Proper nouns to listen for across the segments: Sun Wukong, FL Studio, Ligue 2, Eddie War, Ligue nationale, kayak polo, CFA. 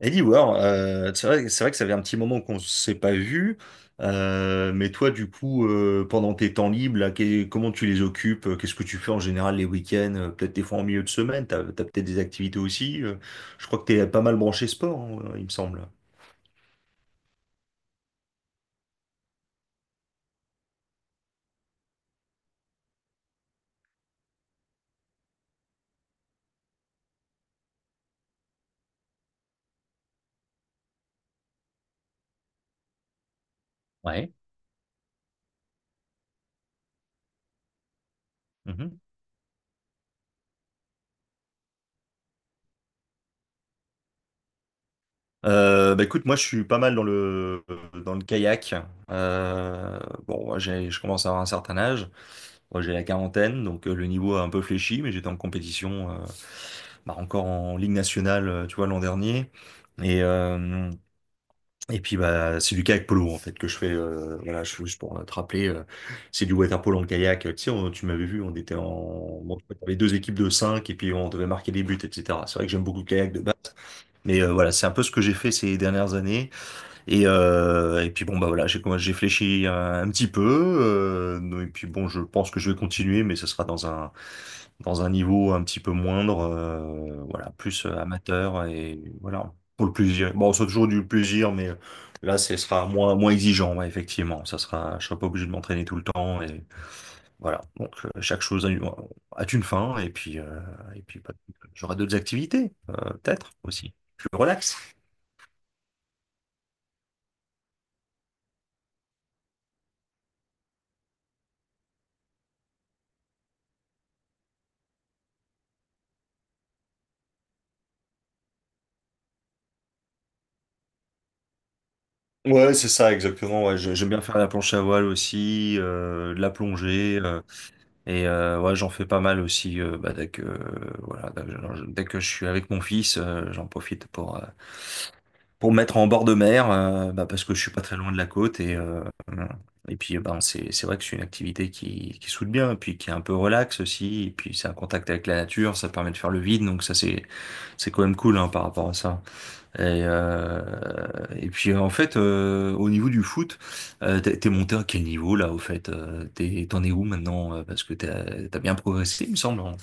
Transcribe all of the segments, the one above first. Eddie War, c'est vrai que ça fait un petit moment qu'on s'est pas vu, mais toi, du coup, pendant tes temps libres, là, comment tu les occupes? Qu'est-ce que tu fais en général les week-ends? Peut-être des fois en milieu de semaine, t'as peut-être des activités aussi. Je crois que t'es pas mal branché sport, hein, il me semble. Ouais. Mhm. Bah écoute, moi je suis pas mal dans le kayak. Euh, bon, moi, je commence à avoir un certain âge. Moi j'ai la quarantaine, donc le niveau a un peu fléchi, mais j'étais en compétition bah, encore en Ligue nationale, tu vois, l'an dernier. Et, euh, et puis, bah, c'est du kayak polo, en fait, que je fais. Voilà, juste pour te rappeler, c'est du water polo en kayak. Tu sais, tu m'avais vu, on était en. Bon, avait deux équipes de cinq et puis on devait marquer des buts, etc. C'est vrai que j'aime beaucoup le kayak de base. Mais voilà, c'est un peu ce que j'ai fait ces dernières années. Et puis bon bah voilà, j'ai fléchi un petit peu. Non, et puis bon, je pense que je vais continuer, mais ce sera dans un niveau un petit peu moindre, voilà, plus amateur et voilà pour le plaisir. Bon, c'est toujours du plaisir, mais là, ce sera moins exigeant, ouais, effectivement. Je serai pas obligé de m'entraîner tout le temps et voilà. Donc chaque chose a une fin et puis bah, j'aurai d'autres activités peut-être aussi plus relax. Ouais, c'est ça, exactement. Ouais, j'aime bien faire la planche à voile aussi, de la plongée, ouais, j'en fais pas mal aussi. Bah, dès que voilà, dès que je suis avec mon fils, j'en profite pour me mettre en bord de mer, bah, parce que je suis pas très loin de la côte et puis ben c'est vrai que c'est une activité qui soude bien, et puis qui est un peu relax aussi, et puis c'est un contact avec la nature, ça permet de faire le vide, donc ça c'est quand même cool, hein, par rapport à ça. Et puis en fait, au niveau du foot, t'es monté à quel niveau là au fait? T'en es où maintenant? Parce que t'as bien progressé, il me semble, hein.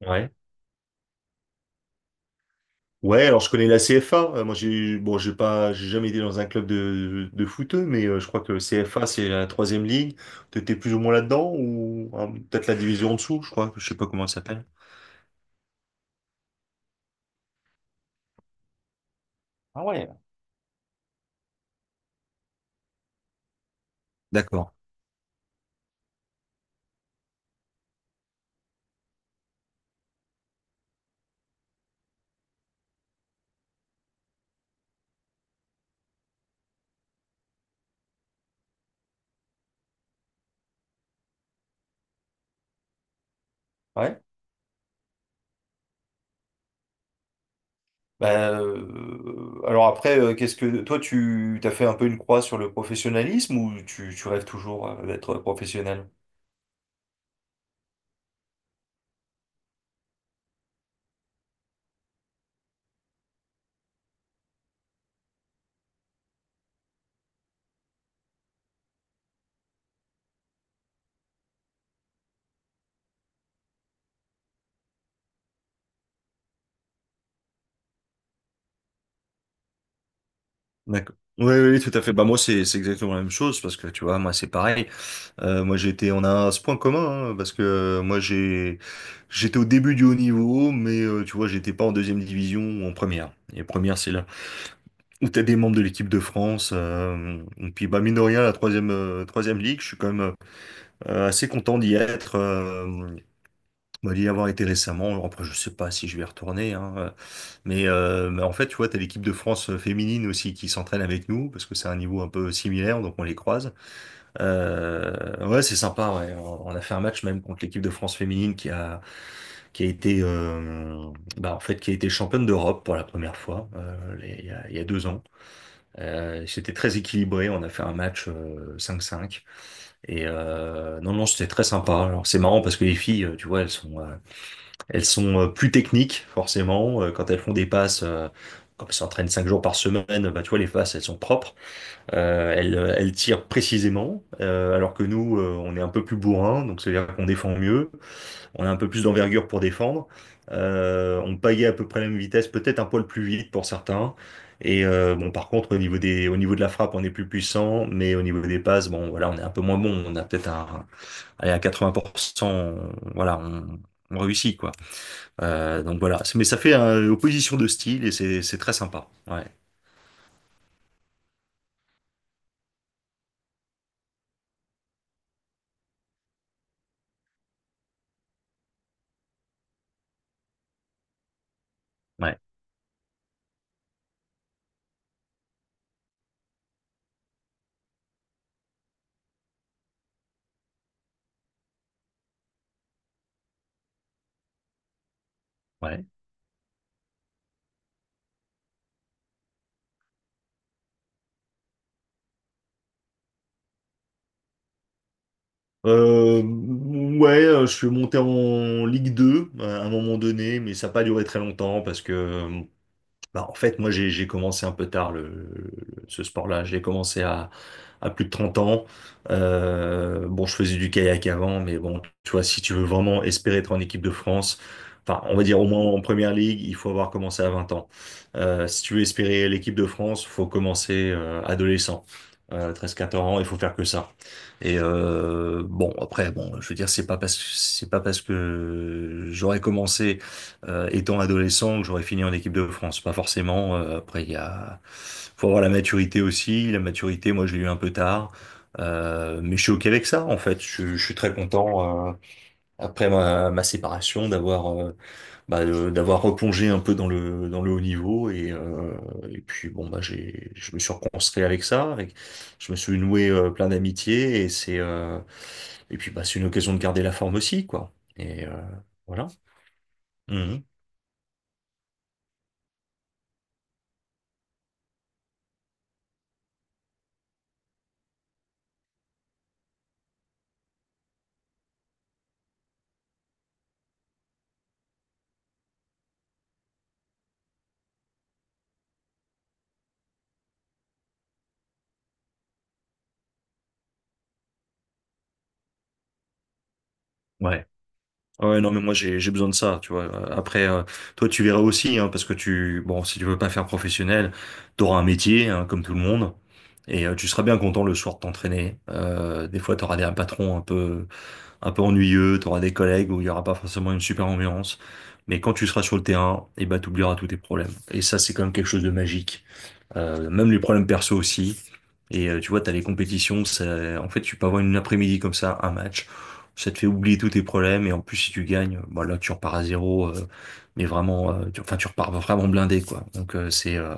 Ouais. Ouais, alors je connais la CFA. Moi, j'ai jamais été dans un club de foot, mais je crois que CFA, c'est la troisième ligue. T'étais plus ou moins là-dedans ou hein, peut-être la division en dessous, je crois. Je sais pas comment ça s'appelle. Ah ouais. D'accord. Ouais. Alors après, qu'est-ce que toi tu t'as fait un peu une croix sur le professionnalisme ou tu rêves toujours d'être professionnel? D'accord. Oui, oui, oui, tout à fait. Bah, moi, c'est exactement la même chose parce que tu vois, moi, c'est pareil. Moi, on a ce point commun, hein, parce que moi, j'étais au début du haut niveau, mais tu vois, j'étais pas en deuxième division ou en première. Et première, c'est là où t'as des membres de l'équipe de France. Et puis, bah, mine de rien, la troisième ligue, je suis quand même assez content d'y être. Moi, d'y avoir été récemment, après je sais pas si je vais y retourner, hein, mais, mais en fait, tu vois, t'as l'équipe de France féminine aussi qui s'entraîne avec nous, parce que c'est un niveau un peu similaire, donc on les croise. Ouais, c'est sympa, ouais. On a fait un match même contre l'équipe de France féminine qui a été, euh, bah, en fait, qui a été championne d'Europe pour la première fois, il y a 2 ans. C'était très équilibré, on a fait un match cinq 5. Et non, non, c'était très sympa. Alors c'est marrant parce que les filles, tu vois, elles sont plus techniques, forcément. Quand elles font des passes, comme elles s'entraînent 5 jours par semaine, bah, tu vois, les passes, elles sont propres. Elles tirent précisément, alors que nous, on est un peu plus bourrin, donc c'est-à-dire qu'on défend mieux. On a un peu plus d'envergure pour défendre. On pagaie à peu près la même vitesse, peut-être un poil plus vite pour certains. Bon, par contre, au niveau de la frappe, on est plus puissant, mais au niveau des passes, bon, voilà, on est un peu moins bon. On a peut-être allez, à 80%, voilà, on réussit, quoi. Donc voilà, mais ça fait une opposition de style et c'est très sympa. Ouais, ouais, ouais. Ouais, je suis monté en Ligue 2 à un moment donné, mais ça n'a pas duré très longtemps parce que bah, en fait, moi, j'ai commencé un peu tard ce sport-là. J'ai commencé à plus de 30 ans. Bon, je faisais du kayak avant, mais bon, tu vois, si tu veux vraiment espérer être en équipe de France, enfin, on va dire au moins en première ligue, il faut avoir commencé à 20 ans. Si tu veux espérer l'équipe de France, faut commencer adolescent. 13-14 ans, il faut faire que ça. Bon, après, bon, je veux dire, c'est pas parce que j'aurais commencé étant adolescent, que j'aurais fini en équipe de France. Pas forcément. Après, faut avoir la maturité aussi. La maturité, moi, je l'ai eu un peu tard. Mais je suis OK avec ça, en fait. Je suis très content, après ma séparation, d'avoir replongé un peu dans dans le haut niveau. Et puis, bon, bah, je me suis reconstruit avec ça. Je me suis noué plein d'amitiés. Et puis, bah, c'est une occasion de garder la forme aussi, quoi. Voilà. Mhm. Ouais. Ah ouais, non, mais moi j'ai besoin de ça, tu vois. Après, toi tu verras aussi, hein, parce que bon, si tu veux pas faire professionnel, t'auras un métier, hein, comme tout le monde, et tu seras bien content le soir de t'entraîner. Des fois, t'auras des patrons un peu, un peu ennuyeux, t'auras des collègues où il y aura pas forcément une super ambiance, mais quand tu seras sur le terrain, et ben t'oublieras tous tes problèmes. Et ça, c'est quand même quelque chose de magique, même les problèmes perso aussi. Tu vois, t'as les compétitions, en fait, tu peux avoir une après-midi comme ça, un match, ça te fait oublier tous tes problèmes, et en plus, si tu gagnes, bah là, tu repars à zéro, mais vraiment, enfin, tu repars vraiment blindé, quoi. Donc, c'est euh,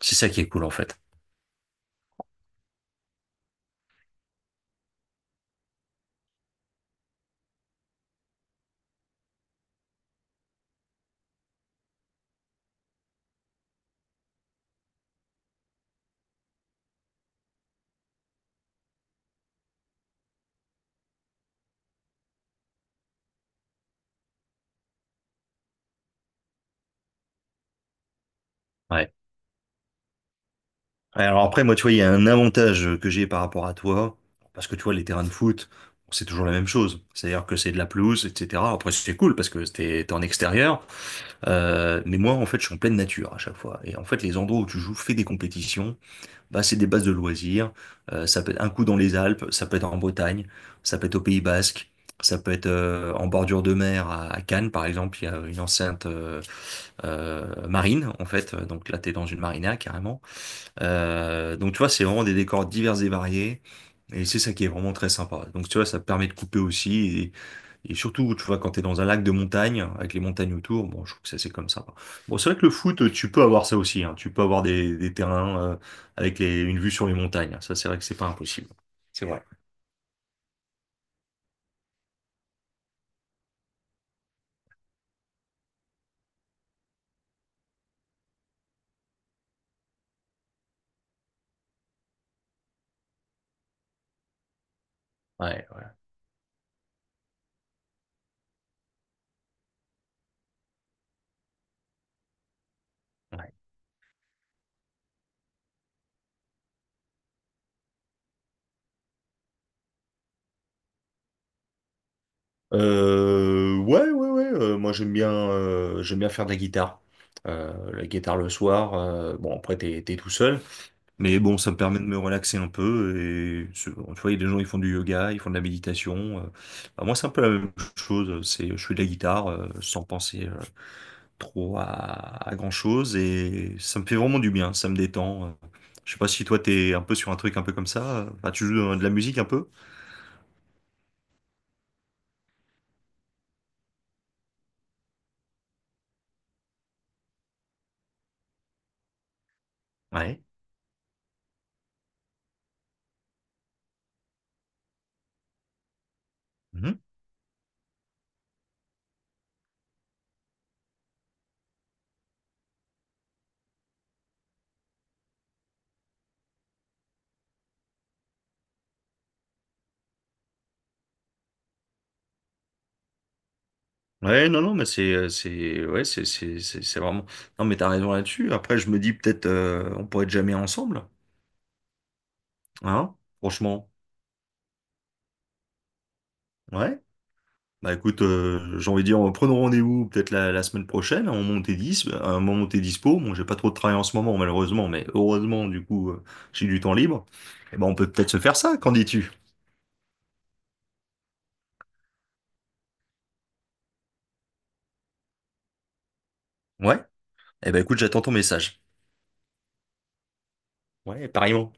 c'est ça qui est cool, en fait. Ouais. Alors après, moi, tu vois, il y a un avantage que j'ai par rapport à toi, parce que tu vois, les terrains de foot, c'est toujours la même chose. C'est-à-dire que c'est de la pelouse, etc. Après, c'est cool parce que t'es en extérieur. Mais moi, en fait, je suis en pleine nature à chaque fois. Et en fait, les endroits où tu joues, fais des compétitions, bah, c'est des bases de loisirs. Ça peut être un coup dans les Alpes, ça peut être en Bretagne, ça peut être au Pays Basque, ça peut être en bordure de mer à Cannes, par exemple. Il y a une enceinte marine, en fait. Donc là, tu es dans une marina carrément. Donc tu vois, c'est vraiment des décors divers et variés. Et c'est ça qui est vraiment très sympa. Donc tu vois, ça permet de couper aussi. Et surtout, tu vois, quand t'es dans un lac de montagne, avec les montagnes autour, bon, je trouve que ça c'est comme ça. Bon, c'est vrai que le foot, tu peux avoir ça aussi, hein. Tu peux avoir des terrains avec une vue sur les montagnes. Ça, c'est vrai que c'est pas impossible. C'est vrai. Ouais, ouais, ouais. Ouais, ouais, ouais. Moi, j'aime bien faire de la guitare. La guitare le soir. Bon, après, t'es tout seul. Mais bon, ça me permet de me relaxer un peu. Tu vois, il y a des gens qui font du yoga, ils font de la méditation. Bah, moi, c'est un peu la même chose. Je fais de la guitare sans penser trop à grand-chose. Et ça me fait vraiment du bien, ça me détend. Je sais pas si toi, t'es un peu sur un truc un peu comme ça. Enfin, tu joues de la musique un peu? Ouais. Mhm. Ouais, non, non, mais ouais, c'est vraiment. Non, mais t'as raison là-dessus. Après, je me dis peut-être, on pourrait être jamais ensemble, hein? Franchement. Ouais. Bah écoute, j'ai envie de dire, prenons rendez-vous peut-être la semaine prochaine, à un moment où t'es dispo. Bon, j'ai pas trop de travail en ce moment, malheureusement, mais heureusement, du coup, j'ai du temps libre. Et ben, on peut peut-être se faire ça, qu'en dis-tu? Ouais? Eh ben, écoute, j'attends ton message. Ouais, pareillement.